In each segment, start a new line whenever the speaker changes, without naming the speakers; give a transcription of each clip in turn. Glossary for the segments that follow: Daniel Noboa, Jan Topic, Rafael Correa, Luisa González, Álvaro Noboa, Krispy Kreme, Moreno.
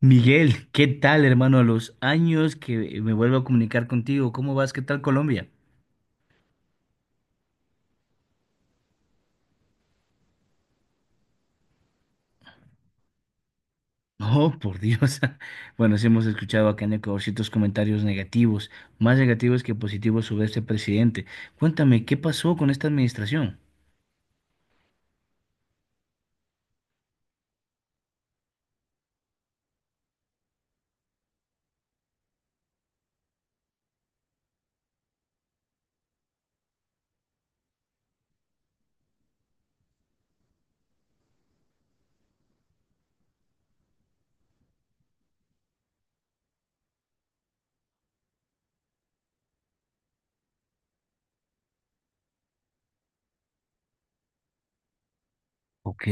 Miguel, ¿qué tal, hermano? A los años que me vuelvo a comunicar contigo, ¿cómo vas? ¿Qué tal Colombia? Oh, por Dios. Bueno, sí hemos escuchado acá en Ecuador ciertos comentarios negativos, más negativos que positivos sobre este presidente. Cuéntame, ¿qué pasó con esta administración? Ok,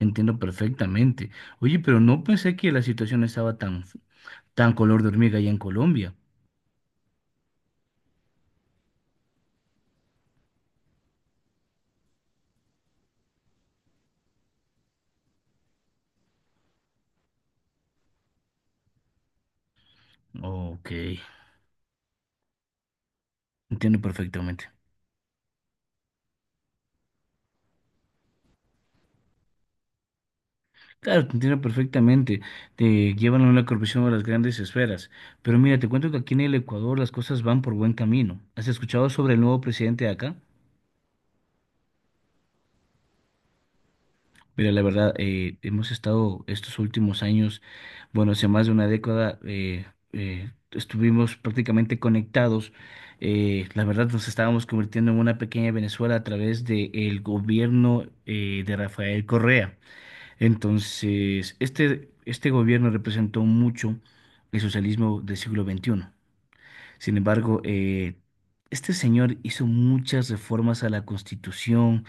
entiendo perfectamente. Oye, pero no pensé que la situación estaba tan, tan color de hormiga allá en Colombia. Ok, entiendo perfectamente. Claro, te entiendo perfectamente. Te llevan a una corrupción a las grandes esferas. Pero mira, te cuento que aquí en el Ecuador las cosas van por buen camino. ¿Has escuchado sobre el nuevo presidente de acá? Mira, la verdad, hemos estado estos últimos años, bueno, hace más de una década, estuvimos prácticamente conectados. La verdad, nos estábamos convirtiendo en una pequeña Venezuela a través del gobierno de Rafael Correa. Entonces, este gobierno representó mucho el socialismo del siglo XXI. Sin embargo, este señor hizo muchas reformas a la Constitución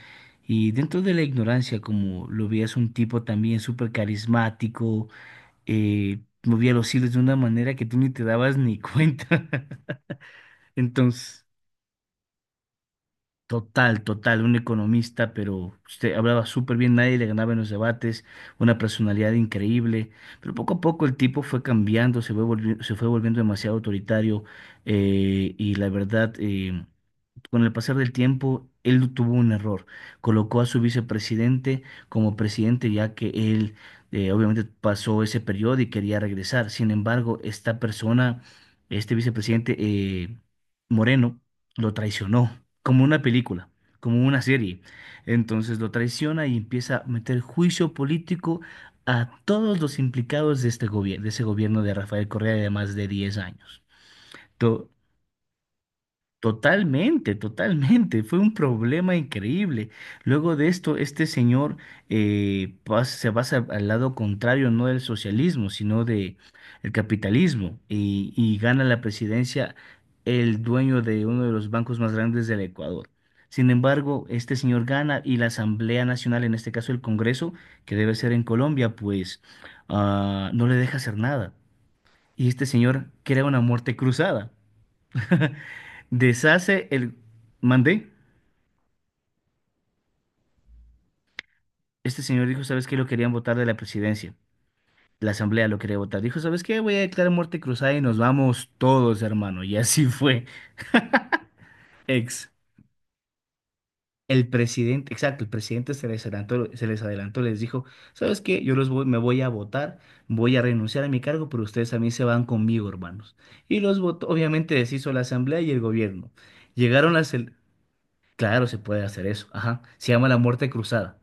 y dentro de la ignorancia, como lo veías, un tipo también súper carismático, movía los hilos de una manera que tú ni te dabas ni cuenta. Entonces... Total, total, un economista, pero usted hablaba súper bien, nadie le ganaba en los debates, una personalidad increíble, pero poco a poco el tipo fue cambiando, se fue volviendo demasiado autoritario, y la verdad... con el pasar del tiempo, él no tuvo un error. Colocó a su vicepresidente como presidente, ya que él obviamente pasó ese periodo y quería regresar. Sin embargo, esta persona, este vicepresidente Moreno, lo traicionó, como una película, como una serie. Entonces lo traiciona y empieza a meter juicio político a todos los implicados de este gobierno, de ese gobierno de Rafael Correa de más de 10 años. To- Totalmente, totalmente. Fue un problema increíble. Luego de esto, este señor se pasa al lado contrario, no del socialismo, sino de el capitalismo, y, gana la presidencia el dueño de uno de los bancos más grandes del Ecuador. Sin embargo, este señor gana y la Asamblea Nacional, en este caso el Congreso, que debe ser en Colombia, pues no le deja hacer nada. Y este señor crea una muerte cruzada. Deshace el. ¿Mandé? Este señor dijo, ¿sabes qué? Lo querían votar de la presidencia. La asamblea lo quería votar. Dijo, ¿sabes qué? Voy a declarar muerte cruzada y nos vamos todos, hermano. Y así fue. Ex. Exacto, el presidente se les adelantó, les dijo, ¿sabes qué? Me voy a votar, voy a renunciar a mi cargo, pero ustedes a mí se van conmigo, hermanos. Y los votó, obviamente deshizo la asamblea y el gobierno. Llegaron las... el- Claro, se puede hacer eso, ajá. Se llama la muerte cruzada.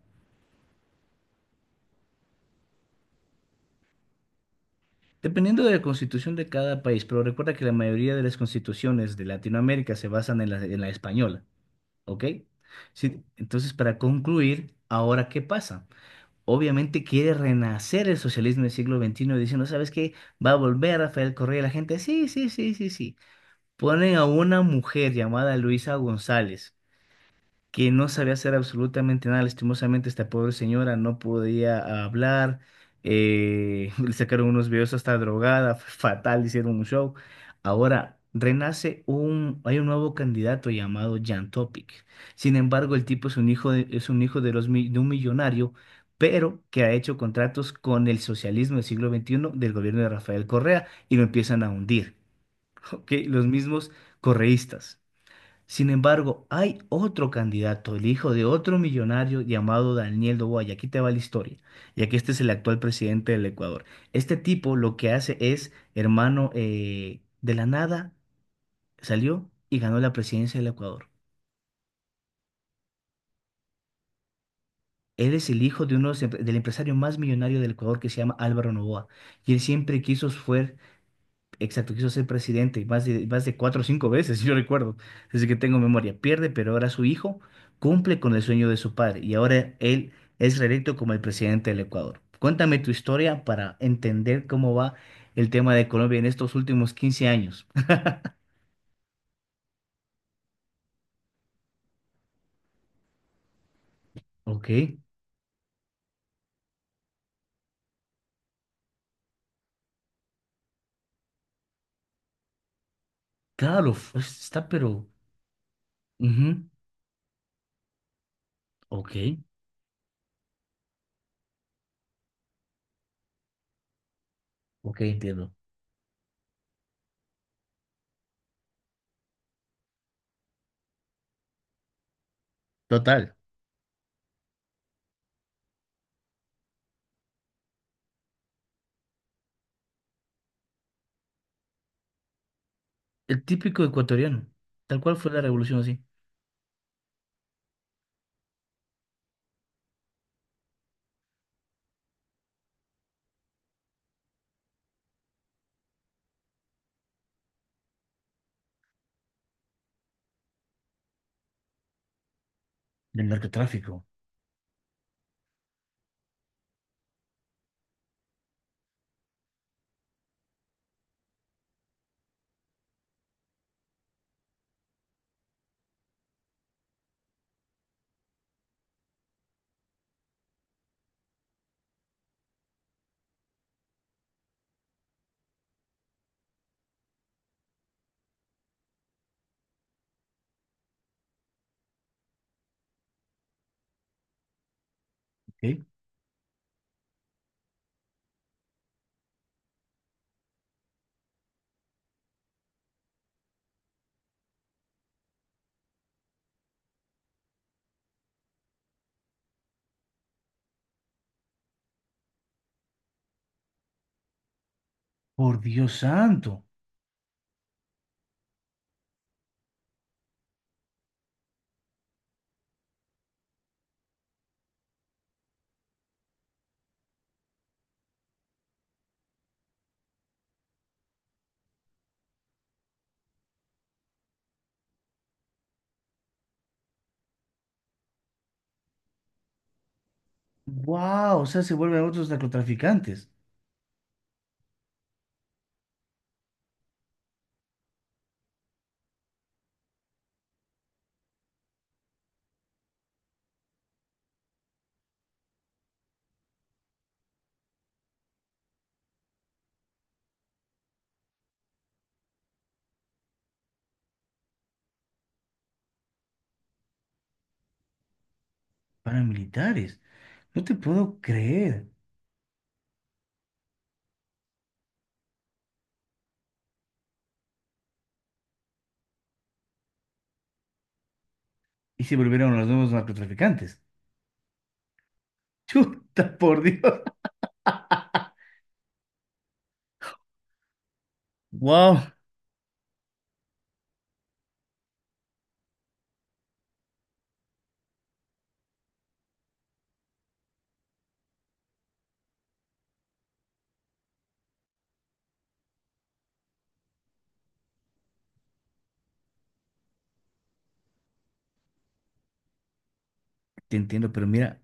Dependiendo de la constitución de cada país, pero recuerda que la mayoría de las constituciones de Latinoamérica se basan en la española, ¿ok? Sí, entonces, para concluir, ¿ahora qué pasa? Obviamente quiere renacer el socialismo del siglo XXI diciendo, ¿sabes qué? Va a volver Rafael Correa. La gente, sí, sí, sí, sí, sí. Ponen a una mujer llamada Luisa González que no sabía hacer absolutamente nada. Lastimosamente, esta pobre señora no podía hablar. Le sacaron unos videos hasta drogada, fatal, hicieron un show. Ahora renace hay un nuevo candidato llamado Jan Topic. Sin embargo, el tipo es un hijo de un millonario, pero que ha hecho contratos con el socialismo del siglo XXI del gobierno de Rafael Correa y lo empiezan a hundir. ¿Ok? Los mismos correístas. Sin embargo, hay otro candidato, el hijo de otro millonario llamado Daniel Noboa, y aquí te va la historia, ya que este es el actual presidente del Ecuador. Este tipo lo que hace es, hermano, de la nada salió y ganó la presidencia del Ecuador. Él es el hijo de uno del empresario más millonario del Ecuador que se llama Álvaro Noboa, y él siempre quiso fue Exacto, quiso ser presidente y más de cuatro o cinco veces, yo recuerdo, desde que tengo memoria. Pierde, pero ahora su hijo cumple con el sueño de su padre y ahora él es reelecto como el presidente del Ecuador. Cuéntame tu historia para entender cómo va el tema de Colombia en estos últimos 15 años. Ok, claro, está pero. Ujú, ok, ok, entiendo. Total, el típico ecuatoriano, tal cual fue la revolución así, del narcotráfico. Ok. Por Dios santo. Wow, o sea, se vuelven otros narcotraficantes, paramilitares. No te puedo creer. Y se volvieron los nuevos narcotraficantes. Chuta, por Dios. Wow, te entiendo, pero mira,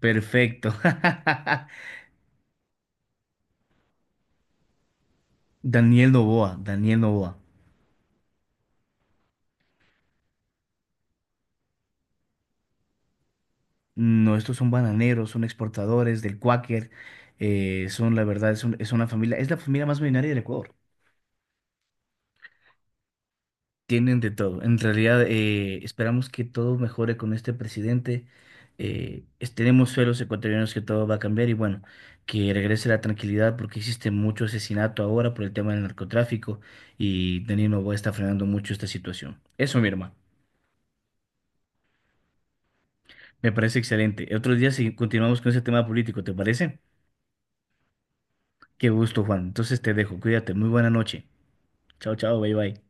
perfecto. Daniel Novoa, Daniel Novoa. No, estos son bananeros, son exportadores del Quaker, son la verdad, es una familia, es la familia más millonaria del Ecuador. Tienen de todo. En realidad, esperamos que todo mejore con este presidente. Tenemos fe los ecuatorianos que todo va a cambiar y bueno, que regrese la tranquilidad porque existe mucho asesinato ahora por el tema del narcotráfico y Daniel Noboa está frenando mucho esta situación. Eso, mi hermano, me parece excelente. Otros días si continuamos con ese tema político, ¿te parece? Qué gusto, Juan. Entonces te dejo. Cuídate. Muy buena noche. Chao, chao. Bye, bye.